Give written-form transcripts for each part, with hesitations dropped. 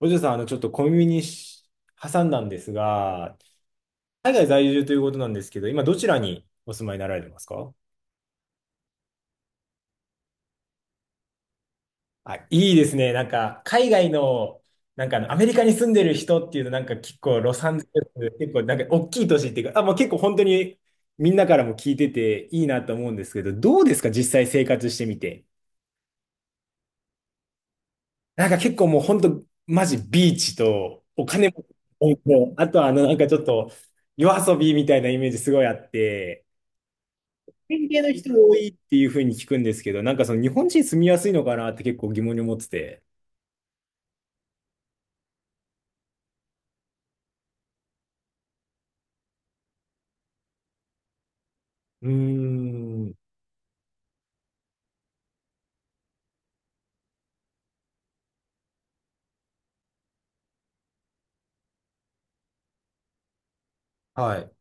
お嬢さん、ちょっと小耳にし挟んだんですが、海外在住ということなんですけど、今どちらにお住まいになられてますか？あ、いいですね。海外の、アメリカに住んでる人っていうの、なんか結構ロサンゼルス、結構なんか大きい都市っていうか、あ、もう結構本当にみんなからも聞いてていいなと思うんですけど、どうですか実際生活してみて。なんか結構もう本当、マジビーチとお金も、あとはなんかちょっと夜遊びみたいなイメージすごいあって、変形の人多いっていうふうに聞くんですけど、なんかその日本人住みやすいのかなって結構疑問に思ってて。うーん。はい。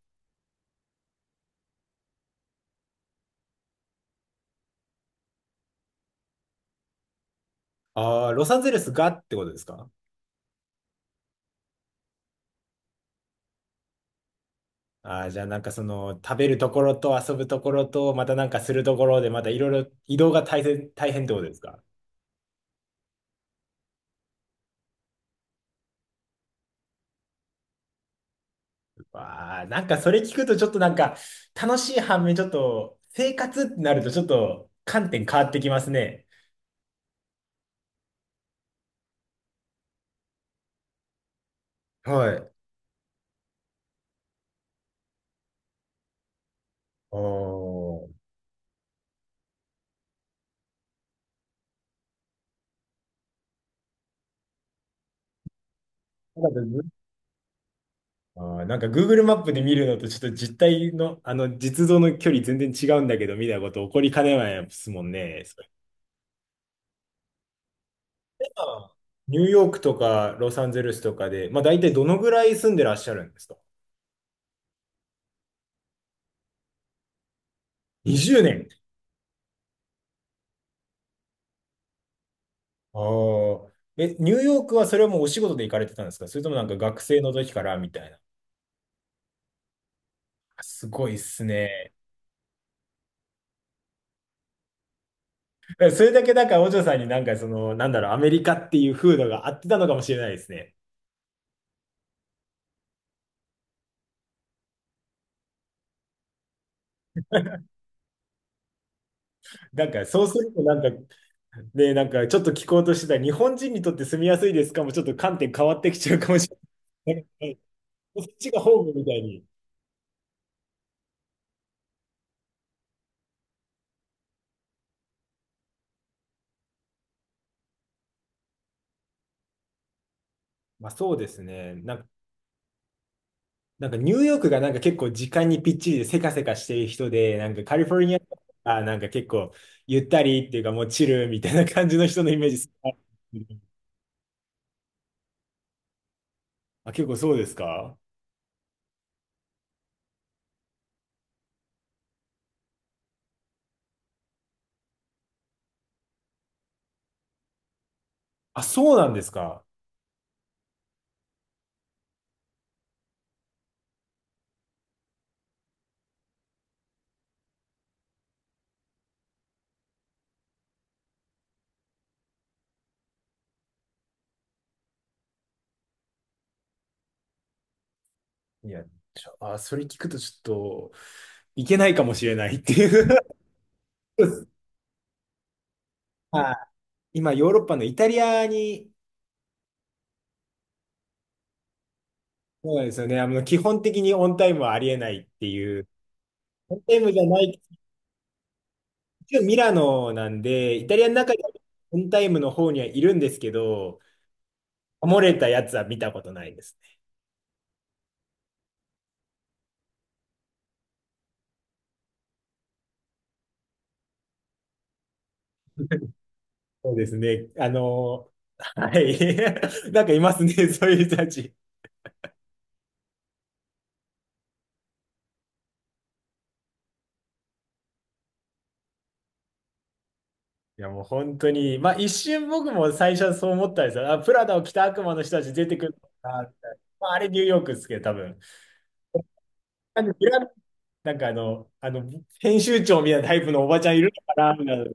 ああ、ロサンゼルスがってことですか？ああー、じゃあなんかその食べるところと遊ぶところとまたなんかするところでまたいろいろ移動が大変ってことですか？わあ、なんかそれ聞くとちょっとなんか楽しい反面ちょっと生活ってなるとちょっと観点変わってきますね。はい。おー。あーなんか Google マップで見るのとちょっと実態の、実像の距離全然違うんだけど、みたいなこと起こりかねないですもんね。それはニューヨークとかロサンゼルスとかで、まあ大体どのぐらい住んでらっしゃるんですか ?20 年。ああ。え、ニューヨークはそれはもうお仕事で行かれてたんですか、それともなんか学生の時からみたいな。すごいっすね。それだけだから、お嬢さんになんかその、なんだろう、アメリカっていう風土が合ってたのかもしれないですね。なんか、そうすると、なんか、ね、なんか、ちょっと聞こうとしてた、日本人にとって住みやすいですかも、ちょっと観点変わってきちゃうかもしれない。そっちがホームみたいに。まあ、そうですね。なんか、なんかニューヨークがなんか結構時間にぴっちりでせかせかしている人で、なんかカリフォルニアとかなんか結構ゆったりっていうかもうチルみたいな感じの人のイメージする。あ、結構そうですか？あ、そうなんですか？いや、ちょあ、それ聞くとちょっといけないかもしれないっていう。はい。今、ヨーロッパのイタリアに、そうなんですよね。基本的にオンタイムはありえないっていう、オンタイムじゃない、一応ミラノなんで、イタリアの中ではオンタイムの方にはいるんですけど、漏れたやつは見たことないですね。そうですね。はい。なんかいますね、そういう人たち。いや、もう本当に、まあ一瞬僕も最初はそう思ったんですよ。あ、プラダを着た悪魔の人たち出てくるのかなって、まあ、あれニューヨークですけど、多分。なんでミラ、なんかあの、あの、編集長みたいなタイプのおばちゃんいるのかなみたいな、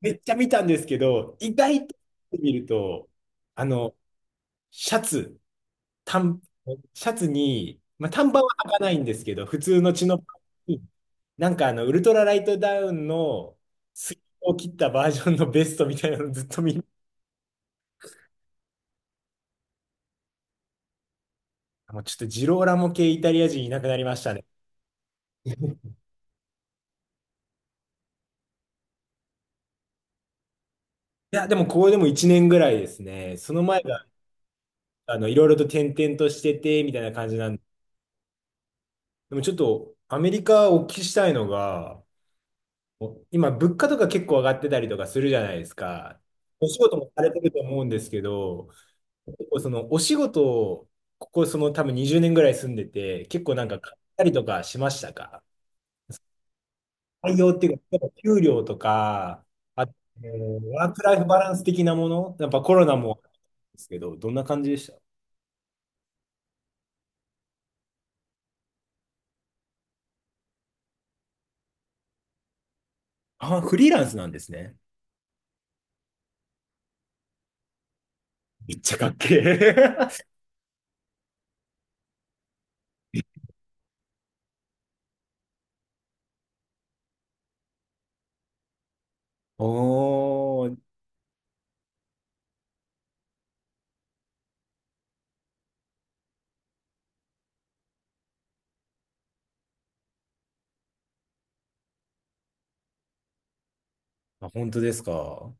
めっちゃ見たんですけど、意外と見ると、あの、シャツ、短、シャツに、まあ、短パンは履かないんですけど、普通のチノパンに、ウルトラライトダウンのスリーを切ったバージョンのベストみたいなの ずっと見る。もうちょっとジローラモ系イタリア人いなくなりましたね。いや、でもこれでも1年ぐらいですね。その前が、いろいろと転々としてて、みたいな感じなんで。でもちょっとアメリカお聞きしたいのが、今物価とか結構上がってたりとかするじゃないですか。お仕事もされてると思うんですけど、結構そのお仕事をここその多分20年ぐらい住んでて、結構なんか買ったりとかしましたか？採用っていうか、やっぱ給料とか、あと、ワークライフバランス的なもの、やっぱコロナもですけど、どんな感じでした？あ、フリーランスなんですね。めっちゃかっけえ。おー、あ本当ですか。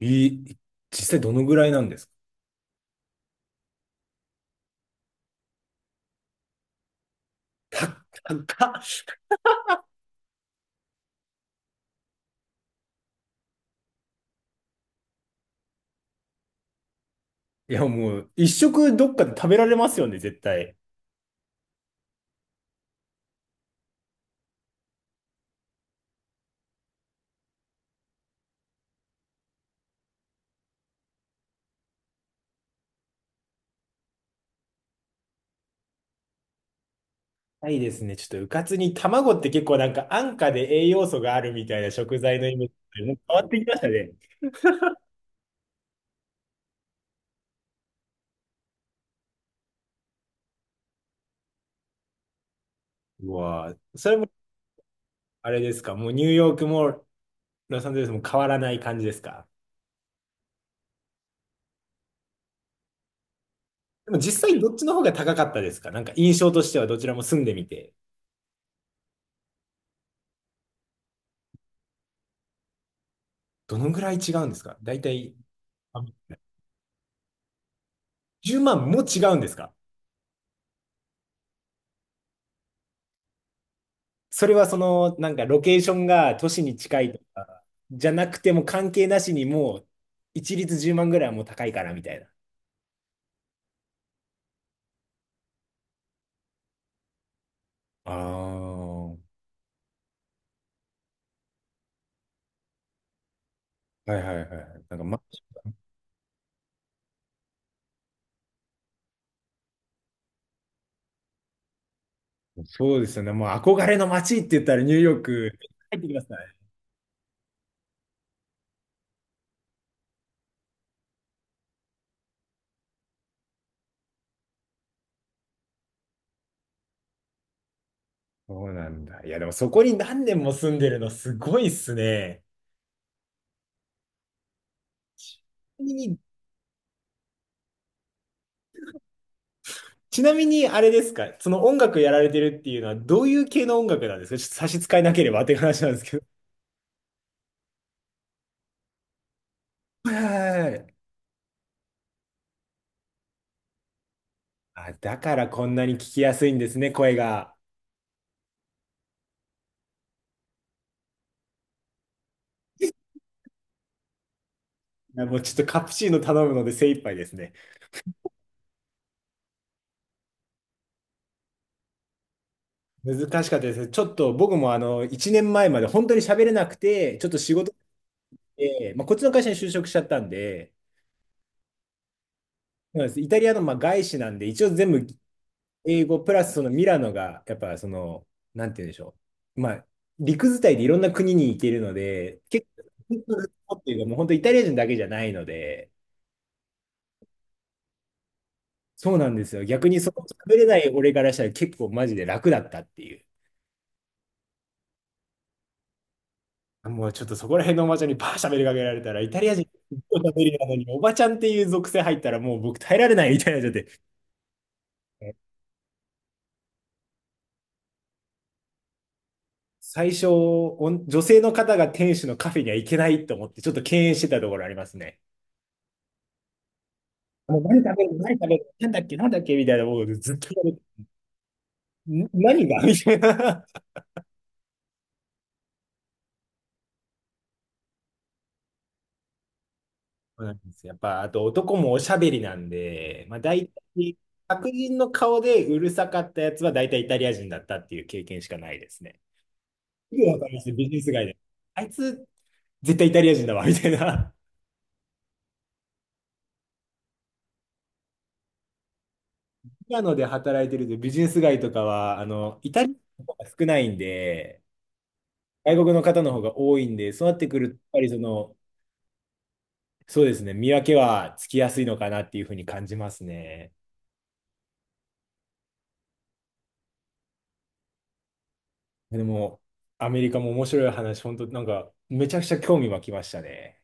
い、実際どのぐらいなんですか？高っ。いや、もう、一食どっかで食べられますよね、絶対。ないですね。ちょっと、うかつに卵って結構なんか安価で栄養素があるみたいな食材のイメージ、もう変わってきましたね。うわぁ、それも、あれですか、もうニューヨークもロサンゼルスも変わらない感じですか？でも実際どっちの方が高かったですか、なんか印象としてはどちらも住んでみて。どのぐらい違うんですか大体、あ10万も違うんですか？それはその、なんかロケーションが都市に近いとか、じゃなくても関係なしにもう、一律10万ぐらいはもう高いからみたいな。ああ、はいはいはい。なんか、ま、そうですよね。もう憧れの街って言ったらニューヨーク。入ってきますからね。そうなんだ。いや、でもそこに何年も住んでるのすごいっすね。ちなみに、ちなみにあれですか、その音楽やられてるっていうのは、どういう系の音楽なんですか、ちょっと差し支えなければっていう話なんですけど。はいはいはい。あ、だからこんなに聞きやすいんですね、声が。いやもうちょっとカプチーノ頼むので精一杯ですね。難しかったです。ちょっと僕も1年前まえまで本当に喋れなくて、ちょっと仕事で、まあ、こっちの会社に就職しちゃったんで、そうなんです。イタリアのまあ外資なんで、一応全部英語プラスそのミラノが、やっぱその、なんて言うんでしょう。まあ、陸伝いでいろんな国に行けるので、結構、っていうかもう本当イタリア人だけじゃないので、そうなんですよ。逆にその喋れない俺からしたら結構マジで楽だったっていう。もうちょっとそこら辺のおばちゃんにバー喋りかけられたら、イタリア人ずっと喋りなのに、おばちゃんっていう属性入ったらもう僕耐えられないみたいになっちゃって。最初、おん女性の方が店主のカフェには行けないと思って、ちょっと敬遠してたところありますね。もう何食べる何食べるなんだっけなんだっけみたいな、もうずっと、ん何がみたいな。そうなんですやっぱ、あと男もおしゃべりなんで、まあ大体、白人の顔でうるさかったやつは大体イタリア人だったっていう経験しかないですね。すぐわかりますねビジネス街で。あいつ、絶対イタリア人だわ、みたいな。ミラノで働いてるとビジネス街とかは、イタリアの方が少ないんで、外国の方の方が多いんで、そうなってくると、やっぱりその、そうですね、見分けはつきやすいのかなっていうふうに感じますね。でも、アメリカも面白い話、本当なんか、めちゃくちゃ興味湧きましたね。